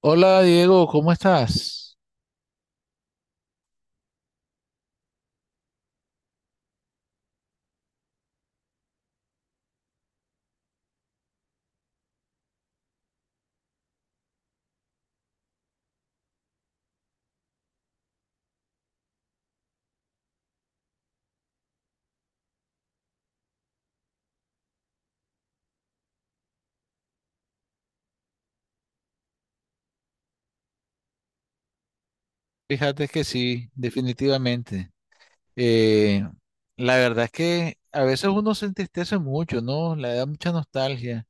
Hola Diego, ¿cómo estás? Fíjate que sí, definitivamente. Eh, la verdad es que a veces uno se entristece mucho, ¿no? Le da mucha nostalgia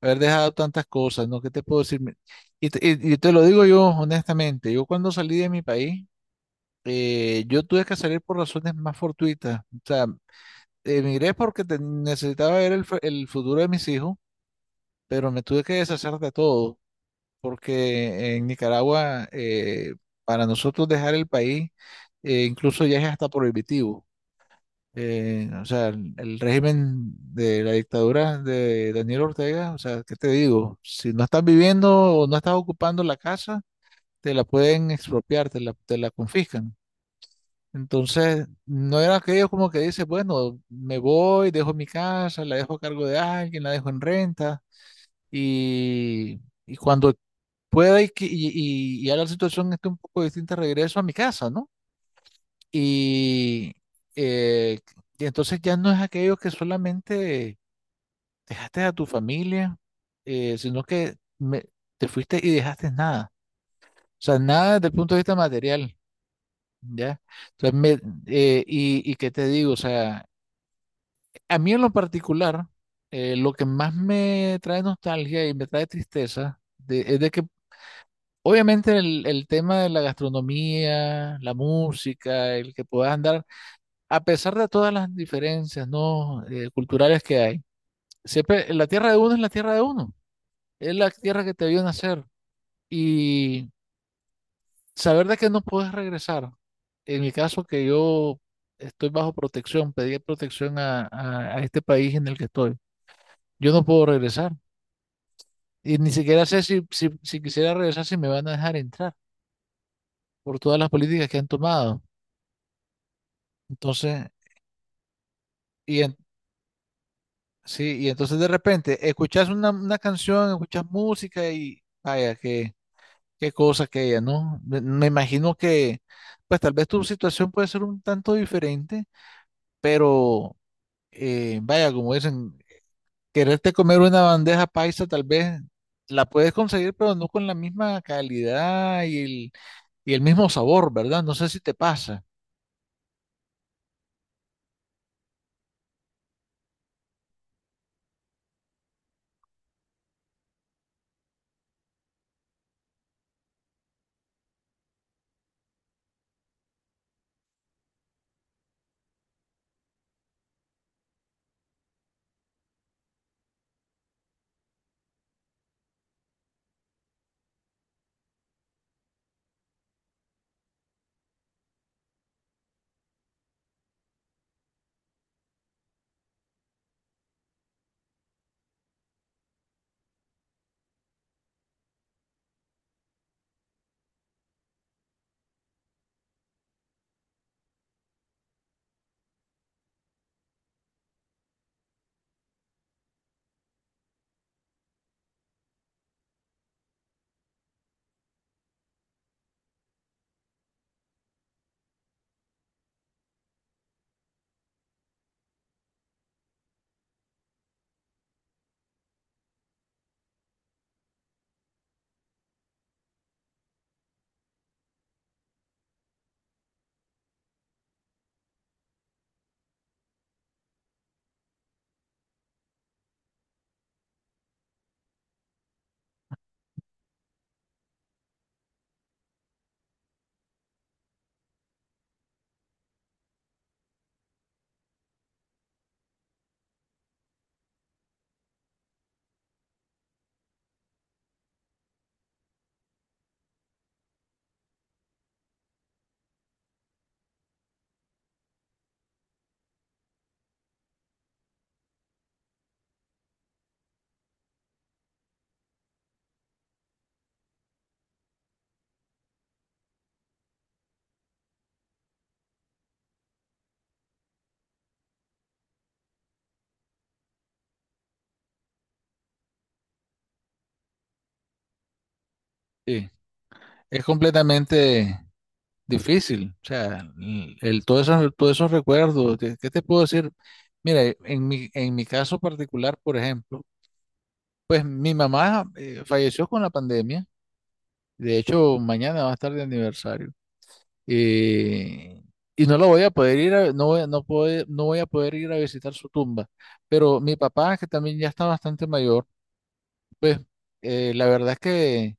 haber dejado tantas cosas, ¿no? ¿Qué te puedo decir? Y te lo digo yo honestamente, yo cuando salí de mi país, yo tuve que salir por razones más fortuitas. O sea, necesitaba ver el futuro de mis hijos, pero me tuve que deshacer de todo, porque en Nicaragua, para nosotros dejar el país, incluso ya es hasta prohibitivo. O sea, el régimen de la dictadura de Daniel Ortega, o sea, ¿qué te digo? Si no estás viviendo o no estás ocupando la casa, te la pueden expropiar, te la confiscan. Entonces, no era aquello como que dices, bueno, me voy, dejo mi casa, la dejo a cargo de alguien, la dejo en renta y, y cuando puede que, y ya la situación esté un poco distinta, regreso a mi casa, ¿no? Y, eh, y entonces ya no es aquello que solamente dejaste a tu familia, sino que te fuiste y dejaste nada. O sea, nada desde el punto de vista material, ¿ya? Entonces, me, y qué te digo, o sea, a mí en lo particular, lo que más me trae nostalgia y me trae tristeza es de que, obviamente, el tema de la gastronomía, la música, el que puedas andar, a pesar de todas las diferencias, ¿no? Culturales que hay, siempre la tierra de uno es la tierra de uno, es la tierra que te vio nacer, y saber de que no puedes regresar. En mi caso, que yo estoy bajo protección, pedí protección a, a este país en el que estoy, yo no puedo regresar y ni siquiera sé si quisiera regresar si me van a dejar entrar por todas las políticas que han tomado. Entonces, Y, en- sí, y entonces de repente escuchas una canción, escuchas música y vaya, qué, qué cosa que ella, ¿no? Me imagino que pues tal vez tu situación puede ser un tanto diferente, pero, vaya, como dicen, quererte comer una bandeja paisa, tal vez la puedes conseguir, pero no con la misma calidad y y el mismo sabor, ¿verdad? No sé si te pasa. Sí, es completamente... difícil, o sea, todos esos recuerdos, ¿qué qué te puedo decir? Mira, en mi caso particular, por ejemplo, pues mi mamá, falleció con la pandemia, de hecho mañana va a estar de aniversario, eh, y no lo voy a poder ir a, no voy a poder ir a visitar su tumba, pero mi papá, que también ya está bastante mayor, pues, la verdad es que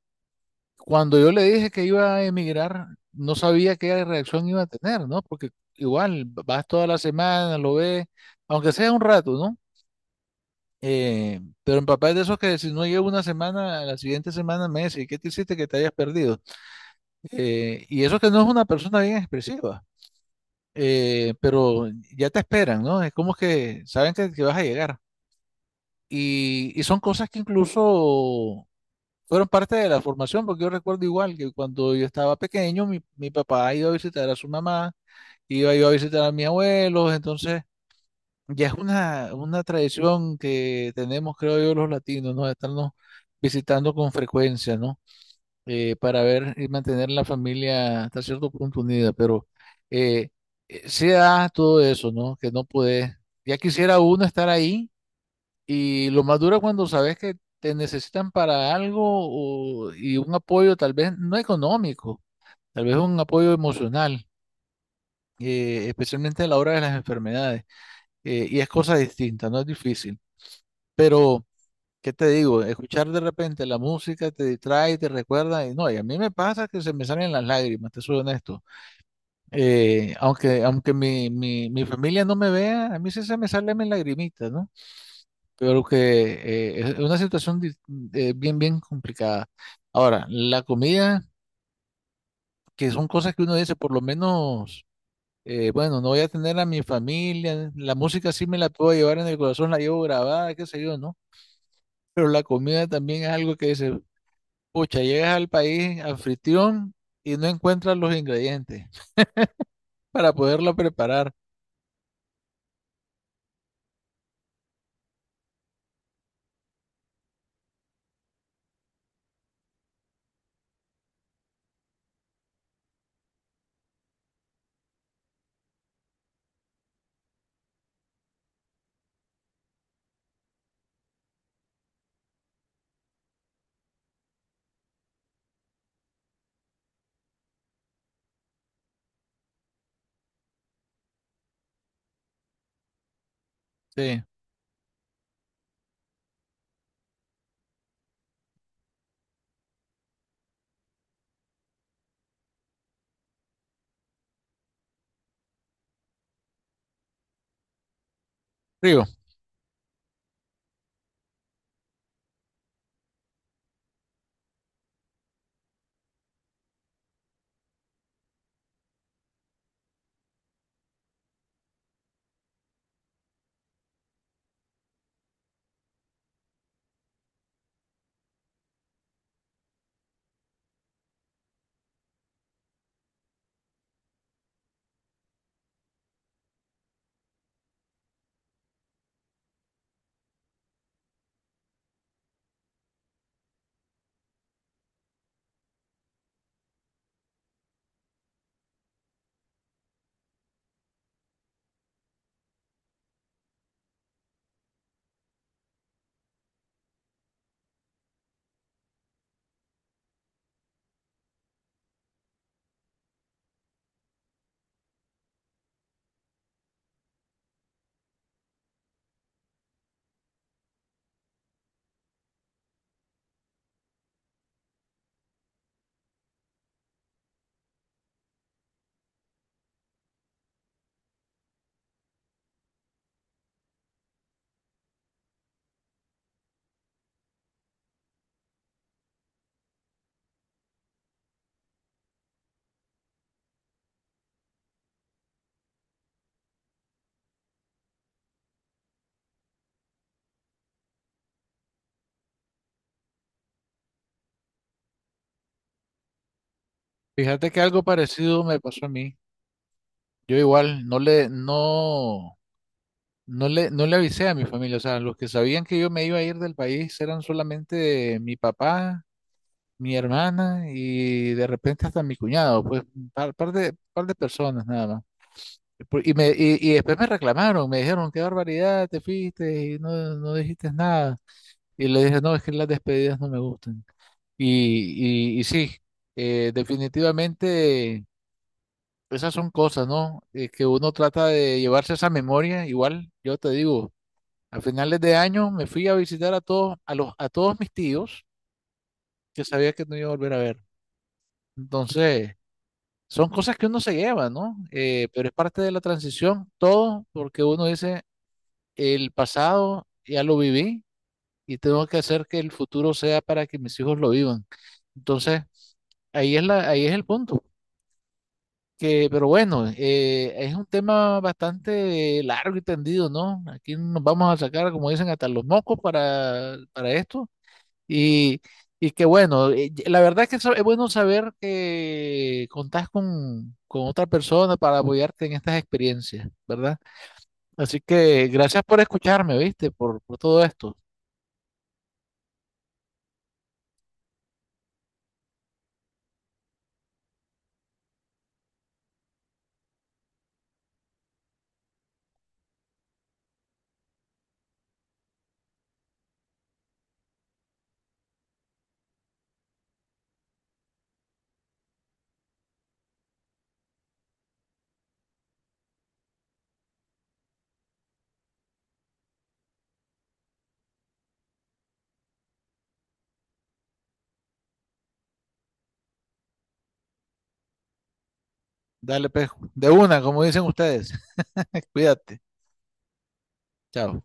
cuando yo le dije que iba a emigrar, no sabía qué reacción iba a tener, ¿no? Porque igual vas toda la semana, lo ves, aunque sea un rato, ¿no? Pero mi papá es de esos que si no llevo una semana, a la siguiente semana me dice, ¿qué te hiciste que te hayas perdido? Y eso que no es una persona bien expresiva, pero ya te esperan, ¿no? Es como que saben que vas a llegar. Y son cosas que incluso fueron parte de la formación, porque yo recuerdo igual que cuando yo estaba pequeño, mi papá iba a visitar a su mamá, iba yo a visitar a mis abuelos, entonces ya es una tradición que tenemos, creo yo, los latinos, ¿no? De estarnos visitando con frecuencia, ¿no? Para ver y mantener la familia hasta cierto punto unida, pero eh, se da todo eso, ¿no? Que no puede, ya quisiera uno estar ahí, y lo más duro es cuando sabes que te necesitan para algo y un apoyo tal vez no económico, tal vez un apoyo emocional, especialmente a la hora de las enfermedades. Y es cosa distinta, no es difícil. Pero, ¿qué te digo? Escuchar de repente la música te distrae, te recuerda. Y no, y a mí me pasa que se me salen las lágrimas, te soy honesto. Aunque mi familia no me vea, a mí sí se me salen mis lagrimitas, ¿no? Creo que es una situación bien, bien complicada. Ahora, la comida, que son cosas que uno dice, por lo menos, bueno, no voy a tener a mi familia, la música sí me la puedo llevar en el corazón, la llevo grabada, qué sé yo, ¿no? Pero la comida también es algo que dice, pucha, llegas al país anfitrión y no encuentras los ingredientes para poderlo preparar. Sí, río, fíjate que algo parecido me pasó a mí. Yo igual, no. No le avisé a mi familia, o sea, los que sabían que yo me iba a ir del país eran solamente mi papá, mi hermana y de repente hasta mi cuñado, pues un par, par de personas nada más. Y, y después me reclamaron, me dijeron, qué barbaridad, te fuiste y no, no dijiste nada. Y le dije, no, es que las despedidas no me gustan. Y sí, definitivamente esas son cosas, ¿no? Que uno trata de llevarse esa memoria. Igual, yo te digo, a finales de año me fui a visitar a todos, a todos mis tíos que sabía que no iba a volver a ver. Entonces, son cosas que uno se lleva, ¿no? Pero es parte de la transición, todo, porque uno dice, el pasado ya lo viví y tengo que hacer que el futuro sea para que mis hijos lo vivan. Entonces, ahí es el punto. Que, pero bueno, es un tema bastante largo y tendido, ¿no? Aquí nos vamos a sacar, como dicen, hasta los mocos para esto. Y, y que bueno, la verdad que eso es bueno, saber que contás con otra persona para apoyarte en estas experiencias, ¿verdad? Así que gracias por escucharme, ¿viste? Por todo esto. Dale, pejo. De una, como dicen ustedes. Cuídate. Chao.